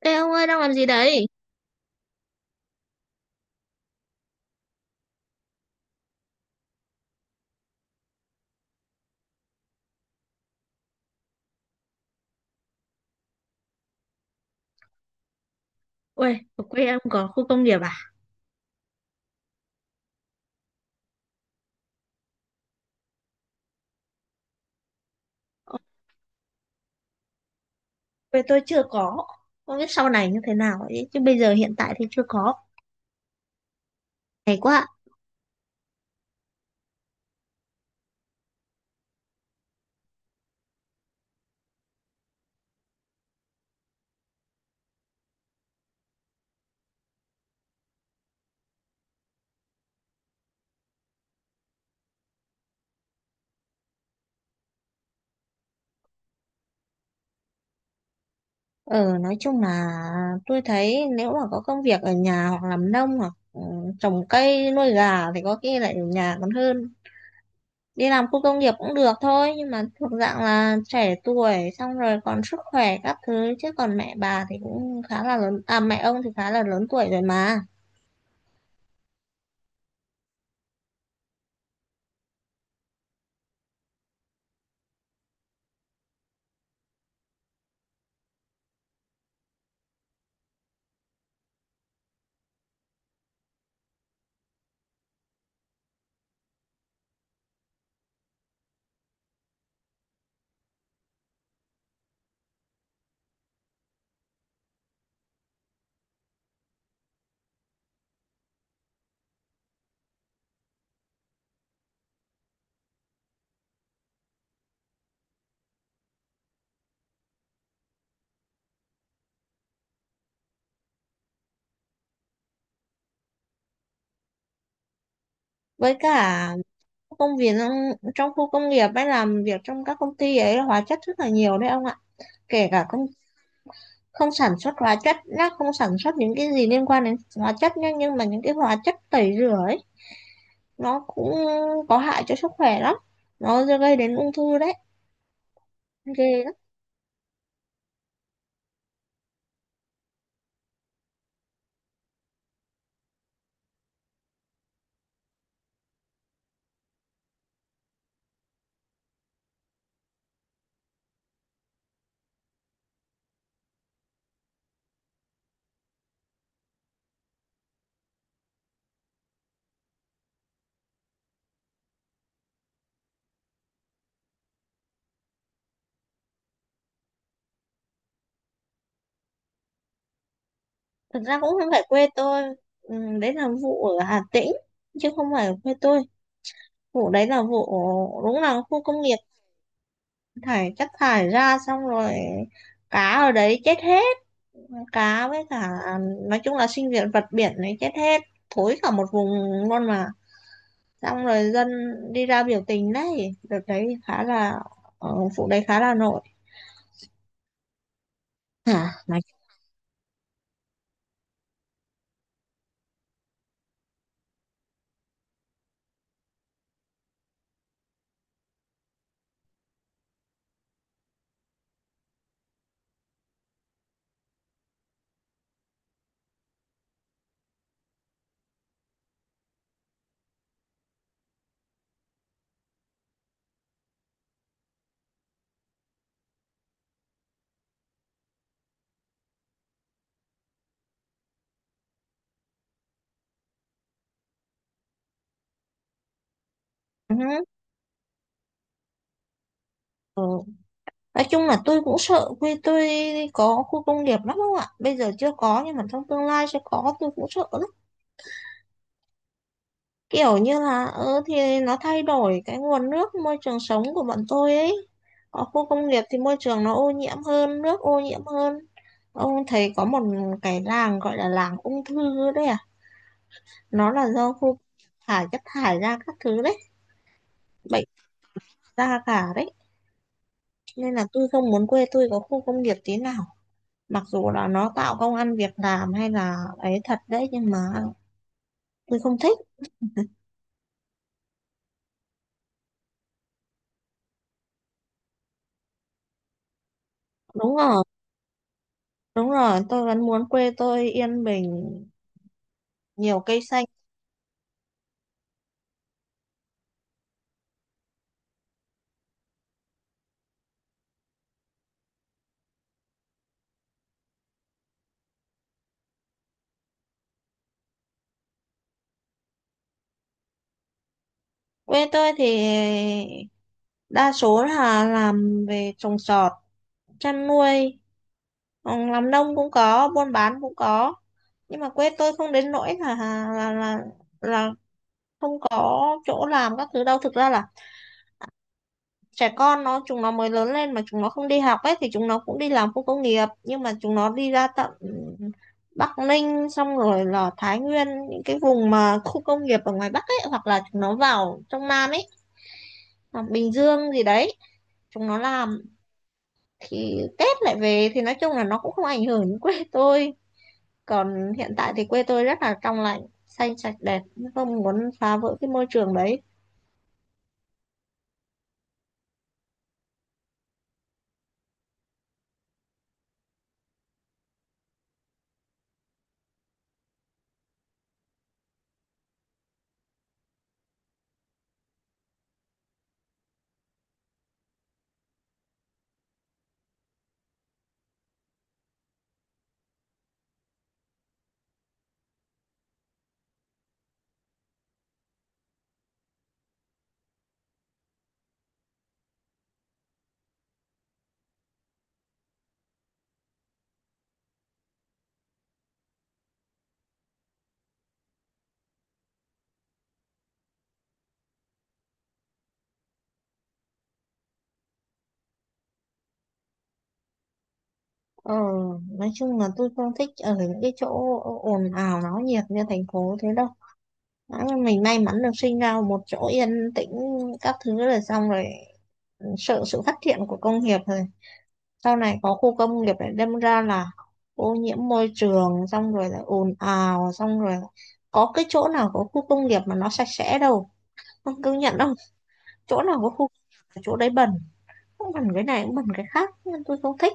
Ê ông ơi đang làm gì đấy? Ui, ở quê em có khu công nghiệp à? Ở quê tôi chưa có. Không biết sau này như thế nào ấy. Chứ bây giờ hiện tại thì chưa có. Hay quá. Ờ, nói chung là tôi thấy nếu mà có công việc ở nhà hoặc làm nông hoặc trồng cây nuôi gà thì có khi lại ở nhà còn hơn. Đi làm khu công nghiệp cũng được thôi. Nhưng mà thuộc dạng là trẻ tuổi xong rồi còn sức khỏe các thứ. Chứ còn mẹ bà thì cũng khá là lớn. À, mẹ ông thì khá là lớn tuổi rồi mà, với cả công việc trong khu công nghiệp hay làm việc trong các công ty ấy hóa chất rất là nhiều đấy ông ạ, kể cả không không sản xuất hóa chất, nó không sản xuất những cái gì liên quan đến hóa chất nhá, nhưng mà những cái hóa chất tẩy rửa ấy nó cũng có hại cho sức khỏe lắm, nó gây đến ung thư đấy, ghê lắm. Thực ra cũng không phải quê tôi. Đấy là vụ ở Hà Tĩnh chứ không phải ở quê tôi. Vụ đấy là vụ, đúng là khu công nghiệp thải chất thải ra xong rồi cá ở đấy chết hết, cá với cả à, nói chung là sinh viên vật biển này chết hết, thối cả một vùng luôn mà. Xong rồi dân đi ra biểu tình đấy, đợt đấy khá là ờ, vụ đấy khá là nổi. Hả, nói. Ừ. Ừ. Nói chung là tôi cũng sợ quê tôi có khu công nghiệp lắm không ạ? Bây giờ chưa có nhưng mà trong tương lai sẽ có, tôi cũng sợ kiểu như là, thì nó thay đổi cái nguồn nước môi trường sống của bọn tôi ấy. Ở khu công nghiệp thì môi trường nó ô nhiễm hơn, nước ô nhiễm hơn. Ông thấy có một cái làng gọi là làng ung thư đấy à, nó là do khu thải chất thải ra các thứ đấy, bệnh ra cả đấy, nên là tôi không muốn quê tôi có khu công nghiệp tí nào. Mặc dù là nó tạo công ăn việc làm hay là ấy thật đấy, nhưng mà tôi không thích. Đúng rồi, đúng rồi, tôi vẫn muốn quê tôi yên bình, nhiều cây xanh. Quê tôi thì đa số là làm về trồng trọt, chăn nuôi, làm nông cũng có, buôn bán cũng có. Nhưng mà quê tôi không đến nỗi là là là không có chỗ làm các thứ đâu. Thực ra là trẻ con chúng nó mới lớn lên mà chúng nó không đi học ấy thì chúng nó cũng đi làm khu công nghiệp, nhưng mà chúng nó đi ra tận Bắc Ninh xong rồi là Thái Nguyên, những cái vùng mà khu công nghiệp ở ngoài Bắc ấy, hoặc là chúng nó vào trong Nam ấy, hoặc Bình Dương gì đấy, chúng nó làm thì Tết lại về, thì nói chung là nó cũng không ảnh hưởng đến quê tôi. Còn hiện tại thì quê tôi rất là trong lành, xanh sạch đẹp, không muốn phá vỡ cái môi trường đấy. ờ, nói chung là tôi không thích ở những cái chỗ ồn ào náo nhiệt như thành phố thế đâu. Nói là mình may mắn được sinh ra ở một chỗ yên tĩnh các thứ, rồi xong rồi sợ sự phát triển của công nghiệp, rồi sau này có khu công nghiệp để đâm ra là ô nhiễm môi trường, xong rồi là ồn ào, xong rồi là có cái chỗ nào có khu công nghiệp mà nó sạch sẽ đâu, không công nhận đâu. Chỗ nào có khu công nghiệp là chỗ đấy bẩn, cũng bẩn cái này cũng bẩn cái khác, nên tôi không thích.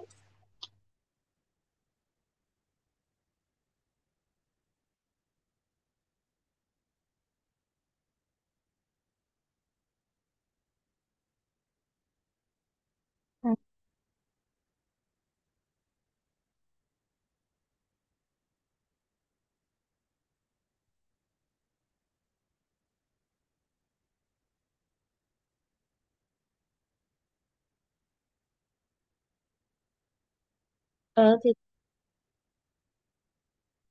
ừ, Ờ, thì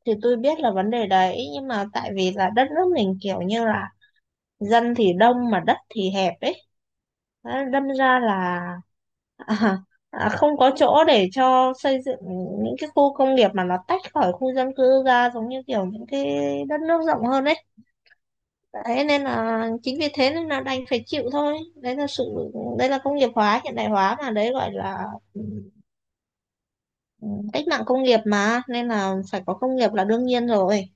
thì tôi biết là vấn đề đấy, nhưng mà tại vì là đất nước mình kiểu như là dân thì đông mà đất thì hẹp ấy. Đấy, đâm ra là à, không có chỗ để cho xây dựng những cái khu công nghiệp mà nó tách khỏi khu dân cư ra, giống như kiểu những cái đất nước rộng hơn ấy. Đấy, nên là chính vì thế nên là đành phải chịu thôi, đấy là sự đây là công nghiệp hóa hiện đại hóa mà, đấy gọi là ừ, cách mạng công nghiệp mà, nên là phải có công nghiệp là đương nhiên rồi.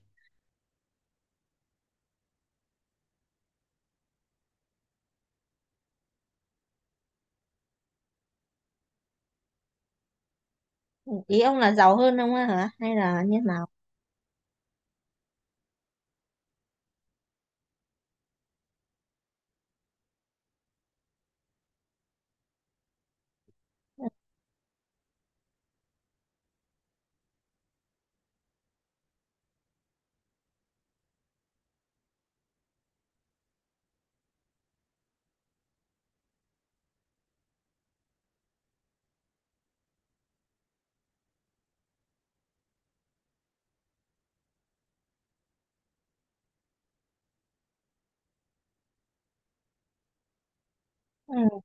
Ý ông là giàu hơn ông á hả hay là như nào? Ừ.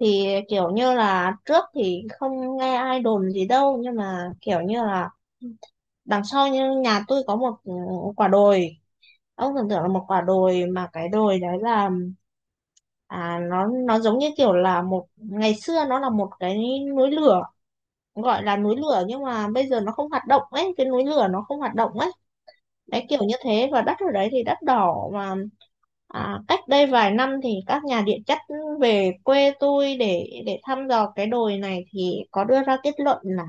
Thì kiểu như là trước thì không nghe ai đồn gì đâu, nhưng mà kiểu như là đằng sau như nhà tôi có một quả đồi. Ông tưởng tượng là một quả đồi mà cái đồi đấy là nó giống như kiểu là một ngày xưa nó là một cái núi lửa, gọi là núi lửa nhưng mà bây giờ nó không hoạt động ấy, cái núi lửa nó không hoạt động ấy, đấy kiểu như thế. Và đất ở đấy thì đất đỏ mà. Cách đây vài năm thì các nhà địa chất về quê tôi để thăm dò cái đồi này thì có đưa ra kết luận là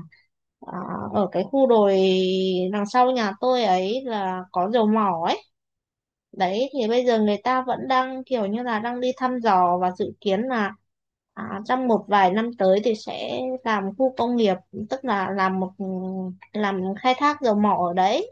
à, ở cái khu đồi đằng sau nhà tôi ấy là có dầu mỏ ấy. Đấy thì bây giờ người ta vẫn đang kiểu như là đang đi thăm dò và dự kiến là, trong một vài năm tới thì sẽ làm khu công nghiệp, tức là làm một làm khai thác dầu mỏ ở đấy.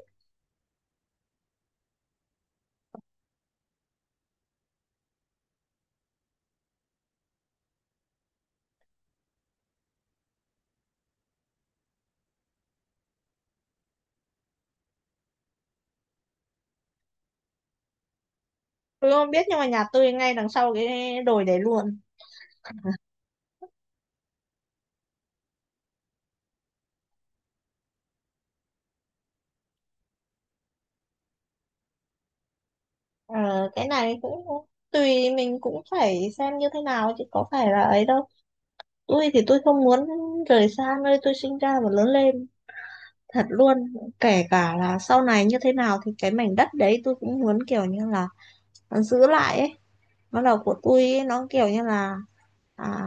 Tôi không biết nhưng mà nhà tôi ngay đằng sau cái đồi đấy luôn. Ờ, cái này cũng tùy mình cũng phải xem như thế nào chứ có phải là ấy đâu. Tôi thì tôi không muốn rời xa nơi tôi sinh ra và lớn lên, thật luôn. Kể cả là sau này như thế nào thì cái mảnh đất đấy tôi cũng muốn kiểu như là giữ lại ấy, nó là của tôi ấy, nó kiểu như là à,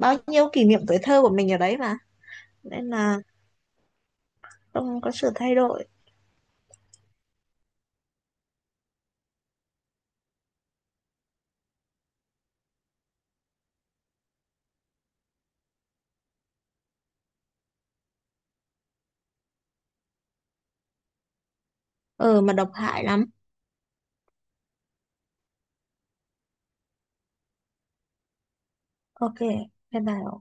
bao nhiêu kỷ niệm tuổi thơ của mình ở đấy mà, nên là không có sự thay đổi. Ờ mà độc hại lắm. Ok, bye bye.